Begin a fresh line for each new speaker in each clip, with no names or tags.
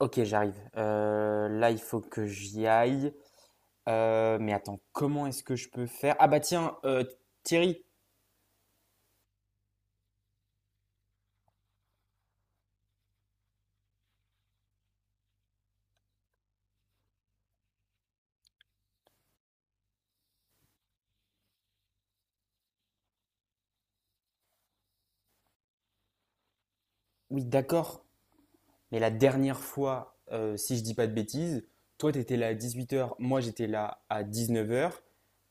Ok, j'arrive. Là, il faut que j'y aille. Mais attends, comment est-ce que je peux faire? Ah bah tiens, Thierry, oui, d'accord. Mais la dernière fois, si je dis pas de bêtises, toi, t'étais là à 18 heures. Moi, j'étais là à 19 heures.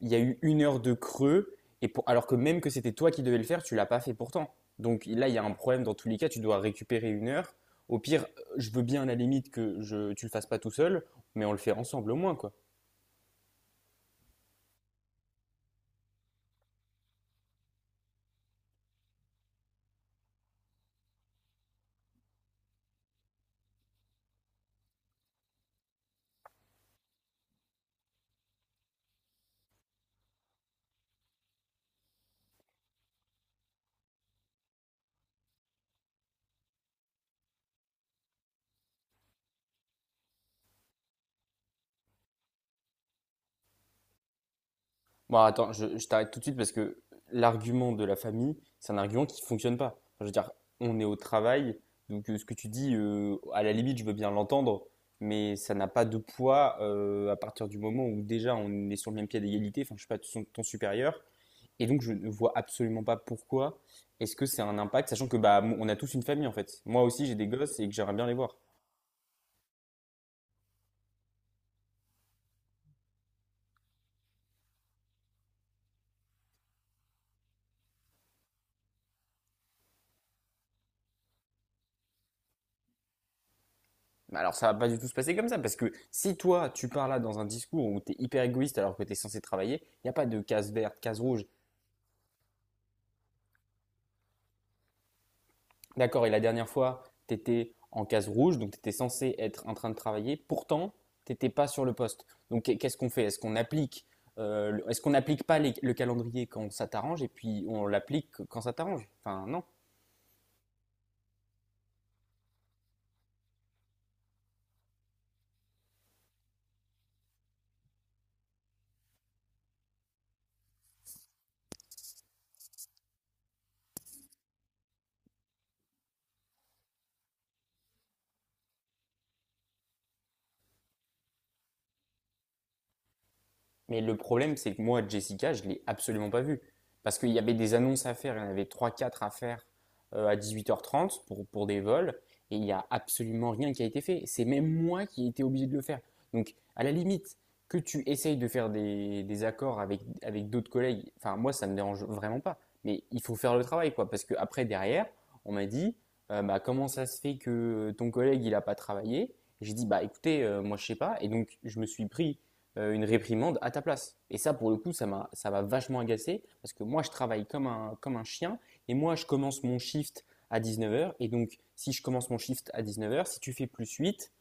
Il y a eu une heure de creux. Et pour... Alors que même que c'était toi qui devais le faire, tu l'as pas fait pourtant. Donc là, il y a un problème dans tous les cas. Tu dois récupérer une heure. Au pire, je veux bien à la limite que je... tu le fasses pas tout seul, mais on le fait ensemble au moins, quoi. Bon, attends, je t'arrête tout de suite parce que l'argument de la famille, c'est un argument qui fonctionne pas. Enfin, je veux dire, on est au travail, donc ce que tu dis, à la limite, je veux bien l'entendre, mais ça n'a pas de poids à partir du moment où déjà on est sur le même pied d'égalité, enfin, je sais pas, ton supérieur. Et donc, je ne vois absolument pas pourquoi est-ce que c'est un impact, sachant que bah, on a tous une famille en fait. Moi aussi, j'ai des gosses et que j'aimerais bien les voir. Bah alors ça va pas du tout se passer comme ça, parce que si toi tu parles là dans un discours où tu es hyper égoïste alors que tu es censé travailler, il n'y a pas de case verte, case rouge. D'accord, et la dernière fois, tu étais en case rouge, donc tu étais censé être en train de travailler, pourtant tu n'étais pas sur le poste. Donc qu'est- ce qu'on fait? Est-ce qu'on applique est-ce qu'on n'applique pas le calendrier quand ça t'arrange et puis on l'applique quand ça t'arrange? Enfin non. Mais le problème, c'est que moi, Jessica, je ne l'ai absolument pas vue. Parce qu'il y avait des annonces à faire, il y en avait trois, quatre à faire à 18h30 pour des vols, et il n'y a absolument rien qui a été fait. C'est même moi qui ai été obligé de le faire. Donc, à la limite, que tu essayes de faire des accords avec, avec d'autres collègues, enfin, moi, ça ne me dérange vraiment pas. Mais il faut faire le travail, quoi. Parce que après derrière, on m'a dit, bah, comment ça se fait que ton collègue, il n'a pas travaillé? J'ai dit, bah, écoutez, moi, je ne sais pas. Et donc, je me suis pris une réprimande à ta place. Et ça, pour le coup, ça m'a vachement agacé parce que moi, je travaille comme un chien et moi, je commence mon shift à 19 heures. Et donc, si je commence mon shift à dix neuf heures, si tu fais plus huit,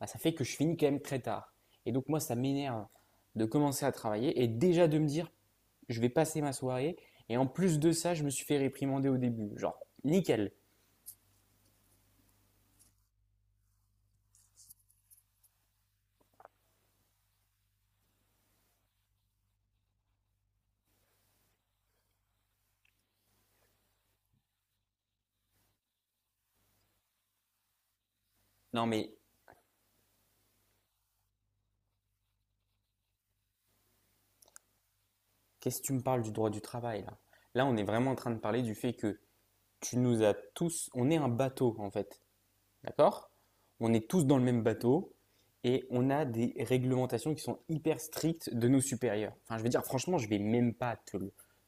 bah, ça fait que je finis quand même très tard. Et donc, moi, ça m'énerve de commencer à travailler et déjà de me dire, je vais passer ma soirée. Et en plus de ça, je me suis fait réprimander au début. Genre, nickel. Non, mais qu'est-ce que tu me parles du droit du travail là? Là, on est vraiment en train de parler du fait que tu nous as tous, on est un bateau en fait. D'accord? On est tous dans le même bateau et on a des réglementations qui sont hyper strictes de nos supérieurs. Enfin, je veux dire, franchement, je ne vais même pas te,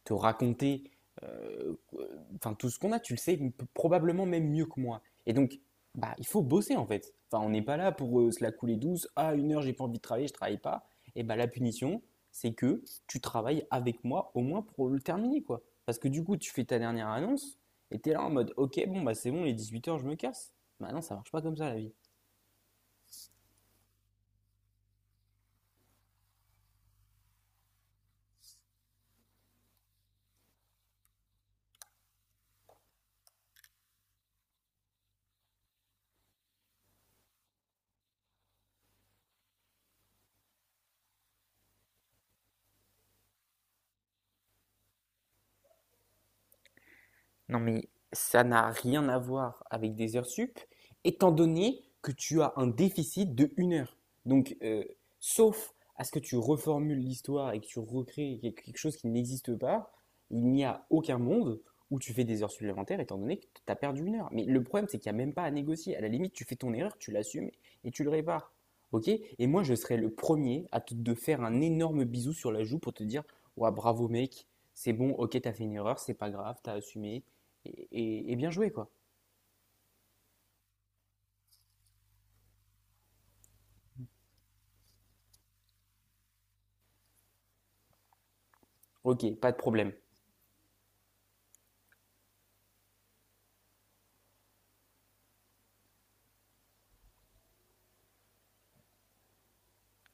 te raconter enfin, tout ce qu'on a, tu le sais probablement même mieux que moi. Et donc, bah, il faut bosser en fait. Enfin, on n'est pas là pour se la couler douce. Ah, une heure, j'ai pas envie de travailler, je travaille pas. Et bah, la punition, c'est que tu travailles avec moi au moins pour le terminer, quoi. Parce que du coup, tu fais ta dernière annonce et t'es là en mode, ok, bon, bah, c'est bon, les 18 heures, je me casse. Bah non, ça marche pas comme ça la vie. Non mais ça n'a rien à voir avec des heures sup, étant donné que tu as un déficit de une heure. Donc, sauf à ce que tu reformules l'histoire et que tu recrées quelque chose qui n'existe pas, il n'y a aucun monde où tu fais des heures supplémentaires, étant donné que tu as perdu une heure. Mais le problème, c'est qu'il n'y a même pas à négocier. À la limite, tu fais ton erreur, tu l'assumes et tu le répares. Ok. Et moi, je serais le premier à te de faire un énorme bisou sur la joue pour te dire, ouais, bravo mec, c'est bon, ok, t'as fait une erreur, c'est pas grave, t'as assumé, et, et bien joué, quoi. Ok, pas de problème.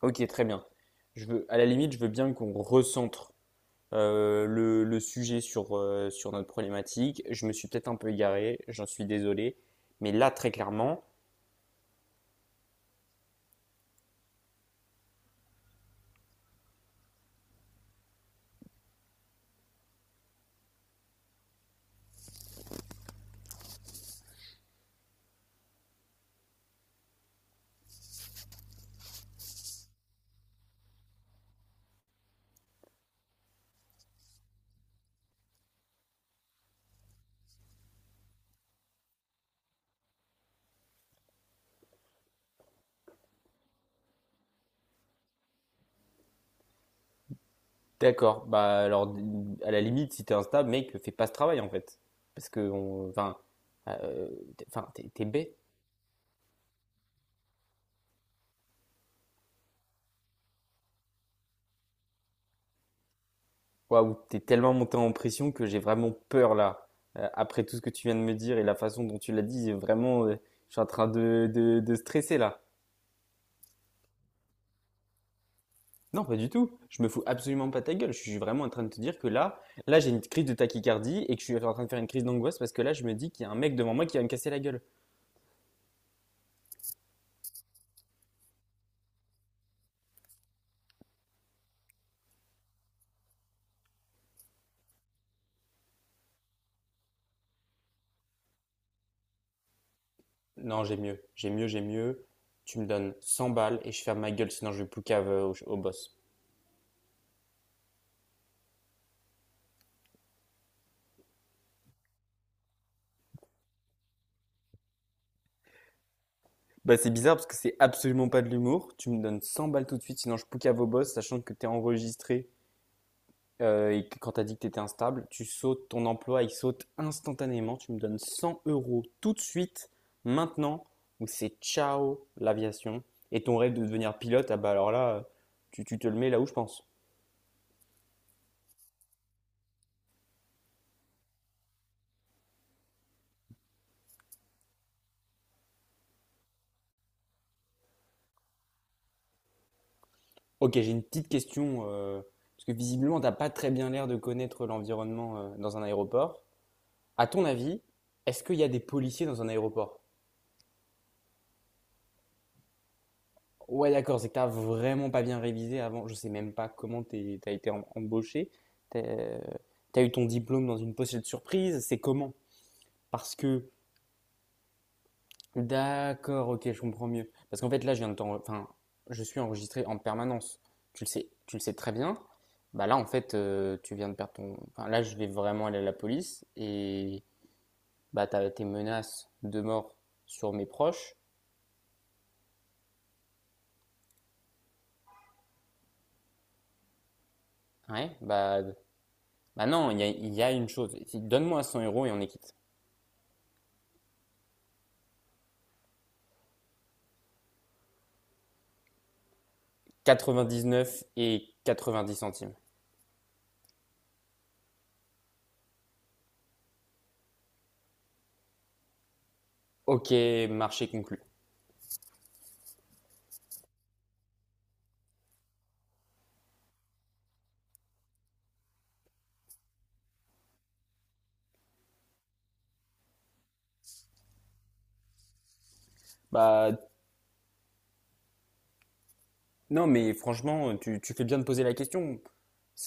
Ok, très bien. Je veux, à la limite, je veux bien qu'on recentre le sujet sur, sur notre problématique. Je me suis peut-être un peu égaré, j'en suis désolé. Mais là, très clairement, d'accord. Bah alors, à la limite, si t'es instable, mec, fais pas ce travail en fait. Parce que, enfin, euh, enfin, t'es bête. Waouh, t'es tellement monté en pression que j'ai vraiment peur là. Après tout ce que tu viens de me dire et la façon dont tu l'as dit, j'ai vraiment, je suis en train de stresser là. Non, pas du tout. Je me fous absolument pas de ta gueule. Je suis vraiment en train de te dire que là, j'ai une crise de tachycardie et que je suis en train de faire une crise d'angoisse parce que là, je me dis qu'il y a un mec devant moi qui va me casser la gueule. Non, j'ai mieux. J'ai mieux. Tu me donnes 100 balles et je ferme ma gueule, sinon je vais poucave au, au boss. Bah, c'est bizarre parce que c'est absolument pas de l'humour. Tu me donnes 100 balles tout de suite, sinon je poucave au boss, sachant que t'es enregistré. Et quand tu as dit que tu étais instable, tu sautes, ton emploi, il saute instantanément. Tu me donnes 100 euros tout de suite, maintenant, ou c'est ciao l'aviation. Et ton rêve de devenir pilote, ah bah alors là, tu te le mets là où je pense. Ok, j'ai une petite question, parce que visiblement, t'as pas très bien l'air de connaître l'environnement dans un aéroport. À ton avis, est-ce qu'il y a des policiers dans un aéroport? Ouais, d'accord, c'est que t'as vraiment pas bien révisé avant. Je sais même pas comment t'as été embauché. T'as T'as eu ton diplôme dans une pochette surprise. C'est comment? Parce que, d'accord, ok, je comprends mieux. Parce qu'en fait, là, je viens de t'en- enfin, je suis enregistré en permanence. Tu le sais très bien. Bah là, en fait, tu viens de perdre ton. Enfin, là, je vais vraiment aller à la police et bah t'as tes menaces de mort sur mes proches. Ouais, bah, bah non, il y a une chose. Donne-moi 100 euros et on est quitte. 99,90. Ok, marché conclu. Bah non, mais franchement, tu fais bien de poser la question.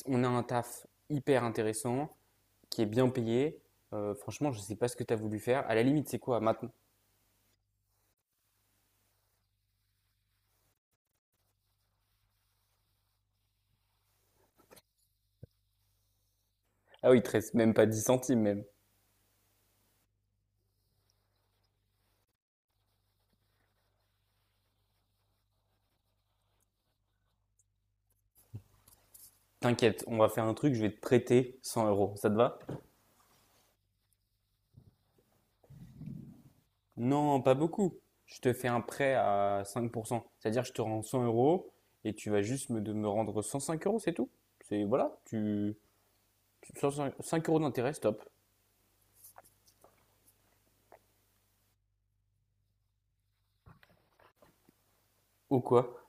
On a un taf hyper intéressant, qui est bien payé. Franchement, je sais pas ce que tu as voulu faire. À la limite, c'est quoi maintenant? Ah oui, il te reste même pas 10 centimes même. T'inquiète, on va faire un truc, je vais te prêter 100 euros. Ça te va? Non, pas beaucoup. Je te fais un prêt à 5%. C'est-à-dire, je te rends 100 euros et tu vas juste de me rendre 105 euros, c'est tout. C'est, voilà, tu, cinq euros d'intérêt, stop. Ou quoi